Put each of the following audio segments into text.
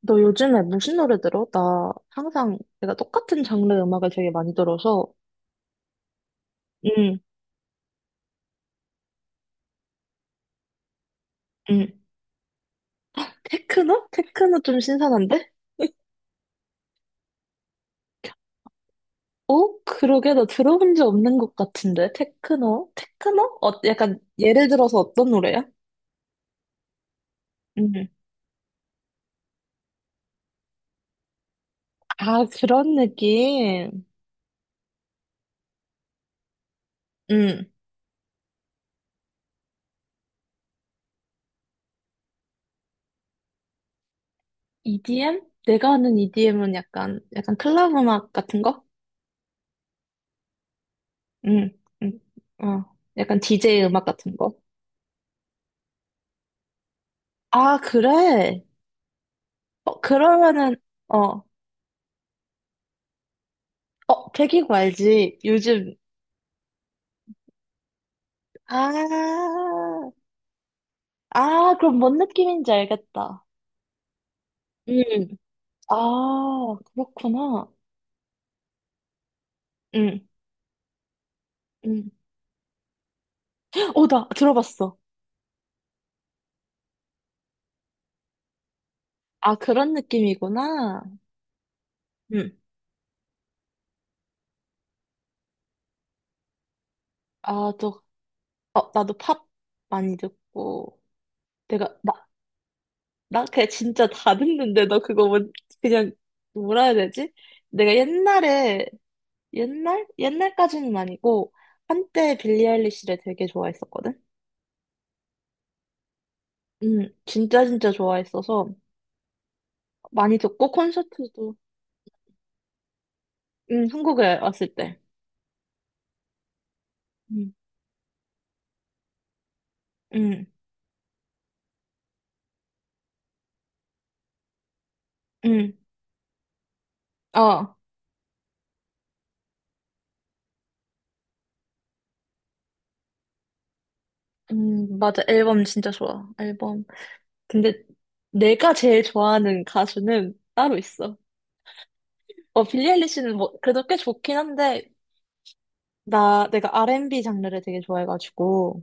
너 요즘에 무슨 노래 들어? 나 항상 내가 똑같은 장르 음악을 되게 많이 들어서. 응, 응. 테크노? 테크노 좀 신선한데? 어? 그러게 나 들어본 적 없는 것 같은데? 테크노? 테크노? 어, 약간 예를 들어서 어떤 노래야? 응. 아, 그런 느낌. 응. EDM? 내가 아는 EDM은 약간, 약간 클럽 음악 같은 거? 응, 응. 어. 약간 DJ 음악 같은 거? 아, 그래? 어, 그러면은, 어, 어, 튀기고 알지? 요즘, 아, 아, 그럼 뭔 느낌인지 알겠다. 음. 아, 그렇구나. 응, 응. 어, 나 들어봤어. 아, 그런 느낌이구나. 음. 아, 또, 어, 나도 팝 많이 듣고. 내가, 나, 나 그냥 진짜 다 듣는데, 너 그거 뭐, 그냥, 뭐라 해야 되지? 내가 옛날에, 옛날? 옛날까지는 아니고, 한때 빌리 아일리시를 되게 좋아했었거든? 진짜 진짜 좋아했어서 많이 듣고 콘서트도 한국에 왔을 때. 음, 음, 음. 어, 맞아. 앨범 진짜 좋아. 앨범. 근데 내가 제일 좋아하는 가수는 따로 있어. 어, 빌리 아일리시는 뭐 그래도 꽤 좋긴 한데 나 내가 R&B 장르를 되게 좋아해가지고.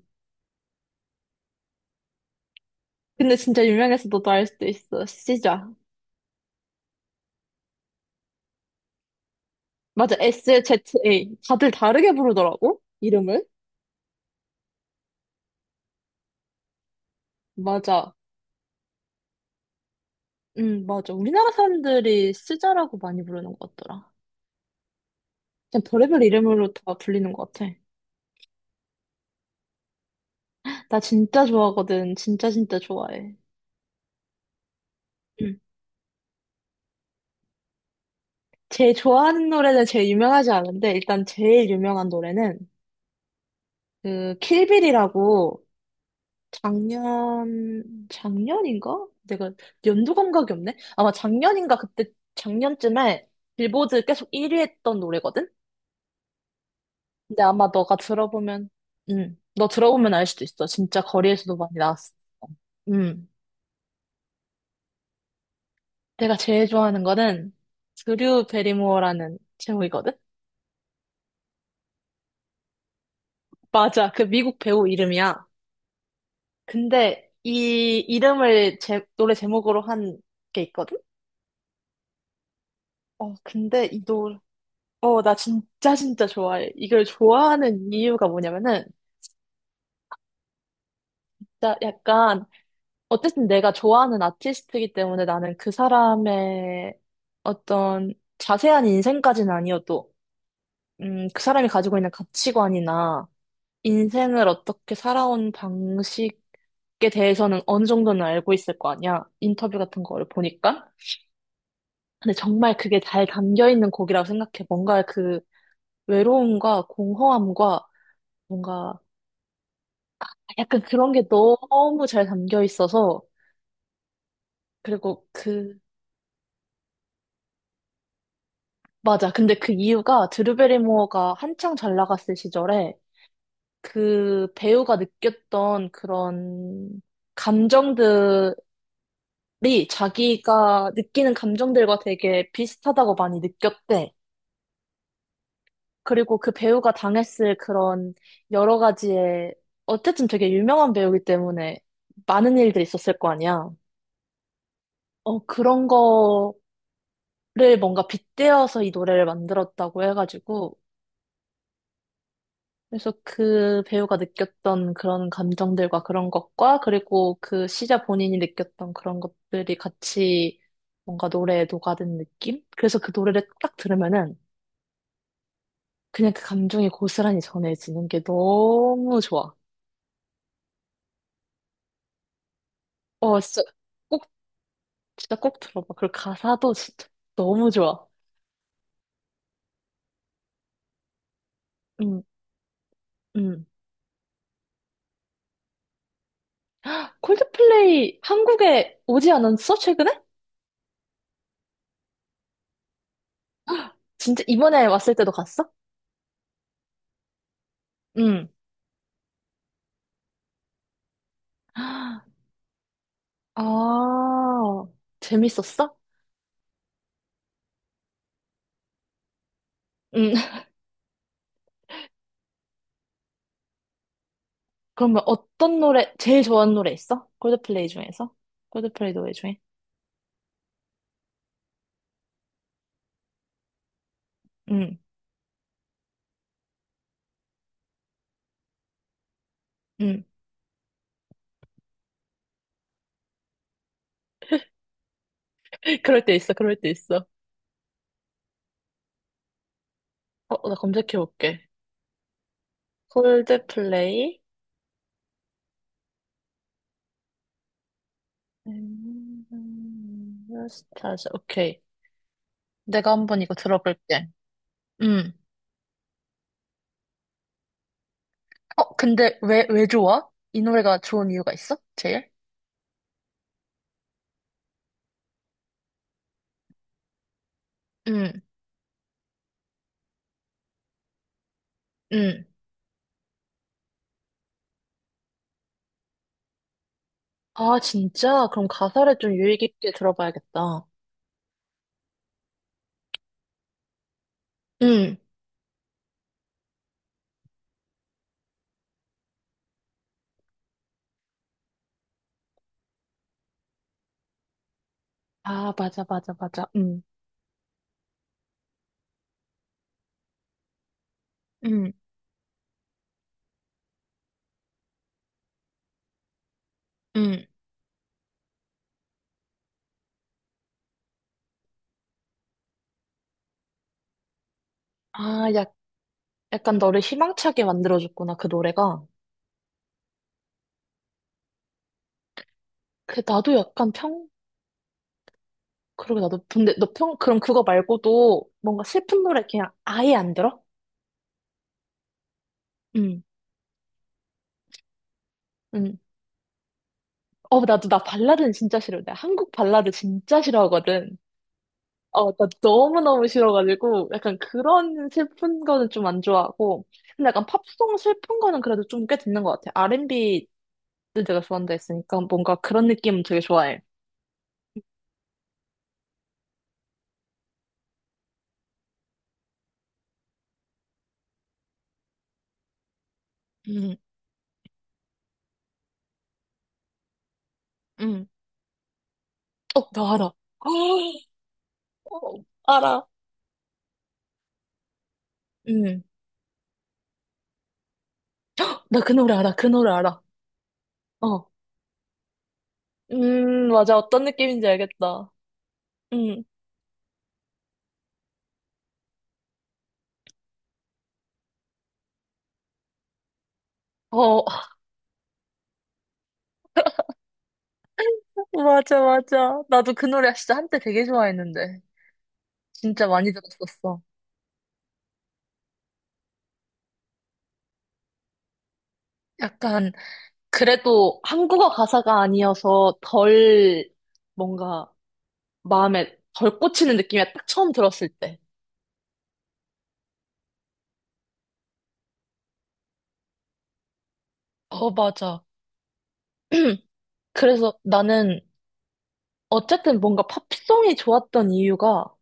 근데 진짜 유명해서 너도 알 수도 있어. 시자. 맞아. SZA. 다들 다르게 부르더라고. 이름을. 맞아. 맞아. 우리나라 사람들이 쓰자라고 많이 부르는 것 같더라. 그냥 별의별 이름으로 다 불리는 것 같아. 나 진짜 좋아하거든. 진짜 진짜 좋아해. 음. 제일 좋아하는 노래는 제일 유명하지 않은데, 일단 제일 유명한 노래는, 그, 킬빌이라고, 작년인가? 내가 연도 감각이 없네? 아마 작년인가? 그때, 작년쯤에 빌보드 계속 1위 했던 노래거든? 근데 아마 너가 들어보면, 너 들어보면 알 수도 있어. 진짜 거리에서도 많이 나왔어. 음, 내가 제일 좋아하는 거는 드류 베리모어라는 제목이거든? 맞아, 그 미국 배우 이름이야. 근데 이 이름을 제, 노래 제목으로 한 게 있거든? 어, 근데 이 노래, 어, 나 진짜 진짜 좋아해. 이걸 좋아하는 이유가 뭐냐면은, 진짜 약간 어쨌든 내가 좋아하는 아티스트이기 때문에 나는 그 사람의 어떤 자세한 인생까지는 아니어도, 그 사람이 가지고 있는 가치관이나 인생을 어떻게 살아온 방식에 대해서는 어느 정도는 알고 있을 거 아니야. 인터뷰 같은 거를 보니까. 근데 정말 그게 잘 담겨 있는 곡이라고 생각해. 뭔가 그 외로움과 공허함과 뭔가 약간 그런 게 너무 잘 담겨 있어서, 그리고 그 맞아. 근데 그 이유가 드루베리모어가 한창 잘 나갔을 시절에 그 배우가 느꼈던 그런 감정들이 자기가 느끼는 감정들과 되게 비슷하다고 많이 느꼈대. 그리고 그 배우가 당했을 그런 여러 가지의 어쨌든 되게 유명한 배우이기 때문에 많은 일들이 있었을 거 아니야. 어, 그런 거를 뭔가 빗대어서 이 노래를 만들었다고 해가지고 그래서 그 배우가 느꼈던 그런 감정들과 그런 것과 그리고 그 시자 본인이 느꼈던 그런 것들이 같이 뭔가 노래에 녹아든 느낌? 그래서 그 노래를 딱 들으면은 그냥 그 감정이 고스란히 전해지는 게 너무 좋아. 어, 진짜 꼭, 진짜 꼭 들어봐. 그리고 가사도 진짜 너무 좋아. 음, 음. 콜드플레이 한국에 오지 않았어? 최근에? 진짜 이번에 왔을 때도 갔어? 음. 아, 재밌었어? 음, 그러면 어떤 노래, 제일 좋아하는 노래 있어? 콜드플레이 중에서? 콜드플레이 노래 중에? 음, 음. 그럴 때 있어, 그럴 때 있어. 어, 나 검색해볼게. 콜드플레이, 스타즈, 오케이. 내가 한번 이거 들어볼게. 음. 근데 왜, 왜 좋아? 이 노래가 좋은 이유가 있어? 제일? 음, 음. 아, 진짜? 그럼 가사를 좀 유의 깊게 들어봐야겠다. 음. 아, 맞아, 맞아, 맞아. 음, 음. 아, 약간 너를 희망차게 만들어줬구나, 그 노래가. 그, 나도 약간 평, 그러게 나도, 근데 너 평, 그럼 그거 말고도 뭔가 슬픈 노래 그냥 아예 안 들어? 응, 응. 나 발라드는 진짜 싫어. 나 한국 발라드 진짜 싫어하거든. 어, 나 너무너무 싫어가지고, 약간 그런 슬픈 거는 좀 안 좋아하고, 근데 약간 팝송 슬픈 거는 그래도 좀 꽤 듣는 것 같아. R&B는 내가 좋아한다 했으니까 뭔가 그런 느낌은 되게 좋아해. 응, 응. 어, 나 알아. 어, 알아. 응. 나 그 노래 알아. 그 노래 알아. 어. 맞아. 어떤 느낌인지 알겠다. 응. 어. 맞아, 맞아. 나도 그 노래 진짜 한때 되게 좋아했는데. 진짜 많이 들었었어. 약간, 그래도 한국어 가사가 아니어서 덜, 뭔가, 마음에 덜 꽂히는 느낌이야. 딱 처음 들었을 때. 어, 맞아. 그래서 나는, 어쨌든 뭔가 팝송이 좋았던 이유가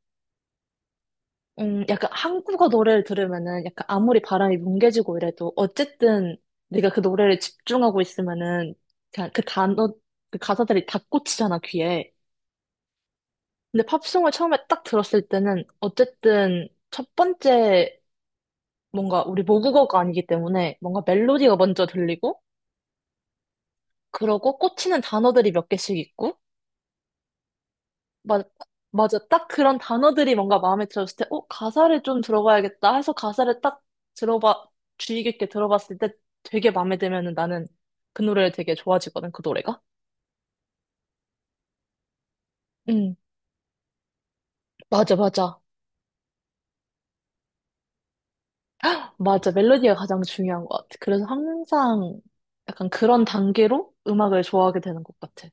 약간 한국어 노래를 들으면은 약간 아무리 바람이 뭉개지고 이래도 어쨌든 내가 그 노래를 집중하고 있으면은 그냥 그 단어, 그 가사들이 다 꽂히잖아, 귀에. 근데 팝송을 처음에 딱 들었을 때는 어쨌든 첫 번째 뭔가 우리 모국어가 아니기 때문에 뭔가 멜로디가 먼저 들리고 그러고 꽂히는 단어들이 몇 개씩 있고 맞아, 맞아. 딱 그런 단어들이 뭔가 마음에 들었을 때, 어, 가사를 좀 들어봐야겠다 해서 가사를 딱 들어봐, 주의 깊게 들어봤을 때 되게 마음에 들면은 나는 그 노래를 되게 좋아지거든, 그 노래가. 응, 맞아, 맞아. 맞아. 멜로디가 가장 중요한 것 같아. 그래서 항상 약간 그런 단계로 음악을 좋아하게 되는 것 같아.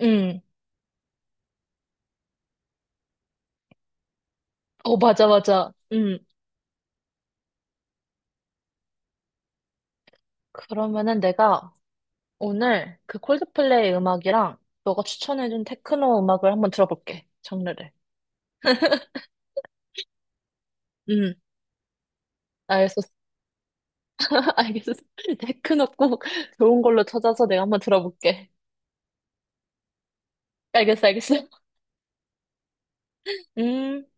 응, 어, 맞아, 맞아. 응. 그러면은 내가 오늘 그 콜드플레이 음악이랑 너가 추천해준 테크노 음악을 한번 들어볼게, 장르를. 응. 알겠어. 알겠어. 데크노 꼭 좋은 걸로 찾아서 내가 한번 들어볼게. 알겠어, 알겠어. 음.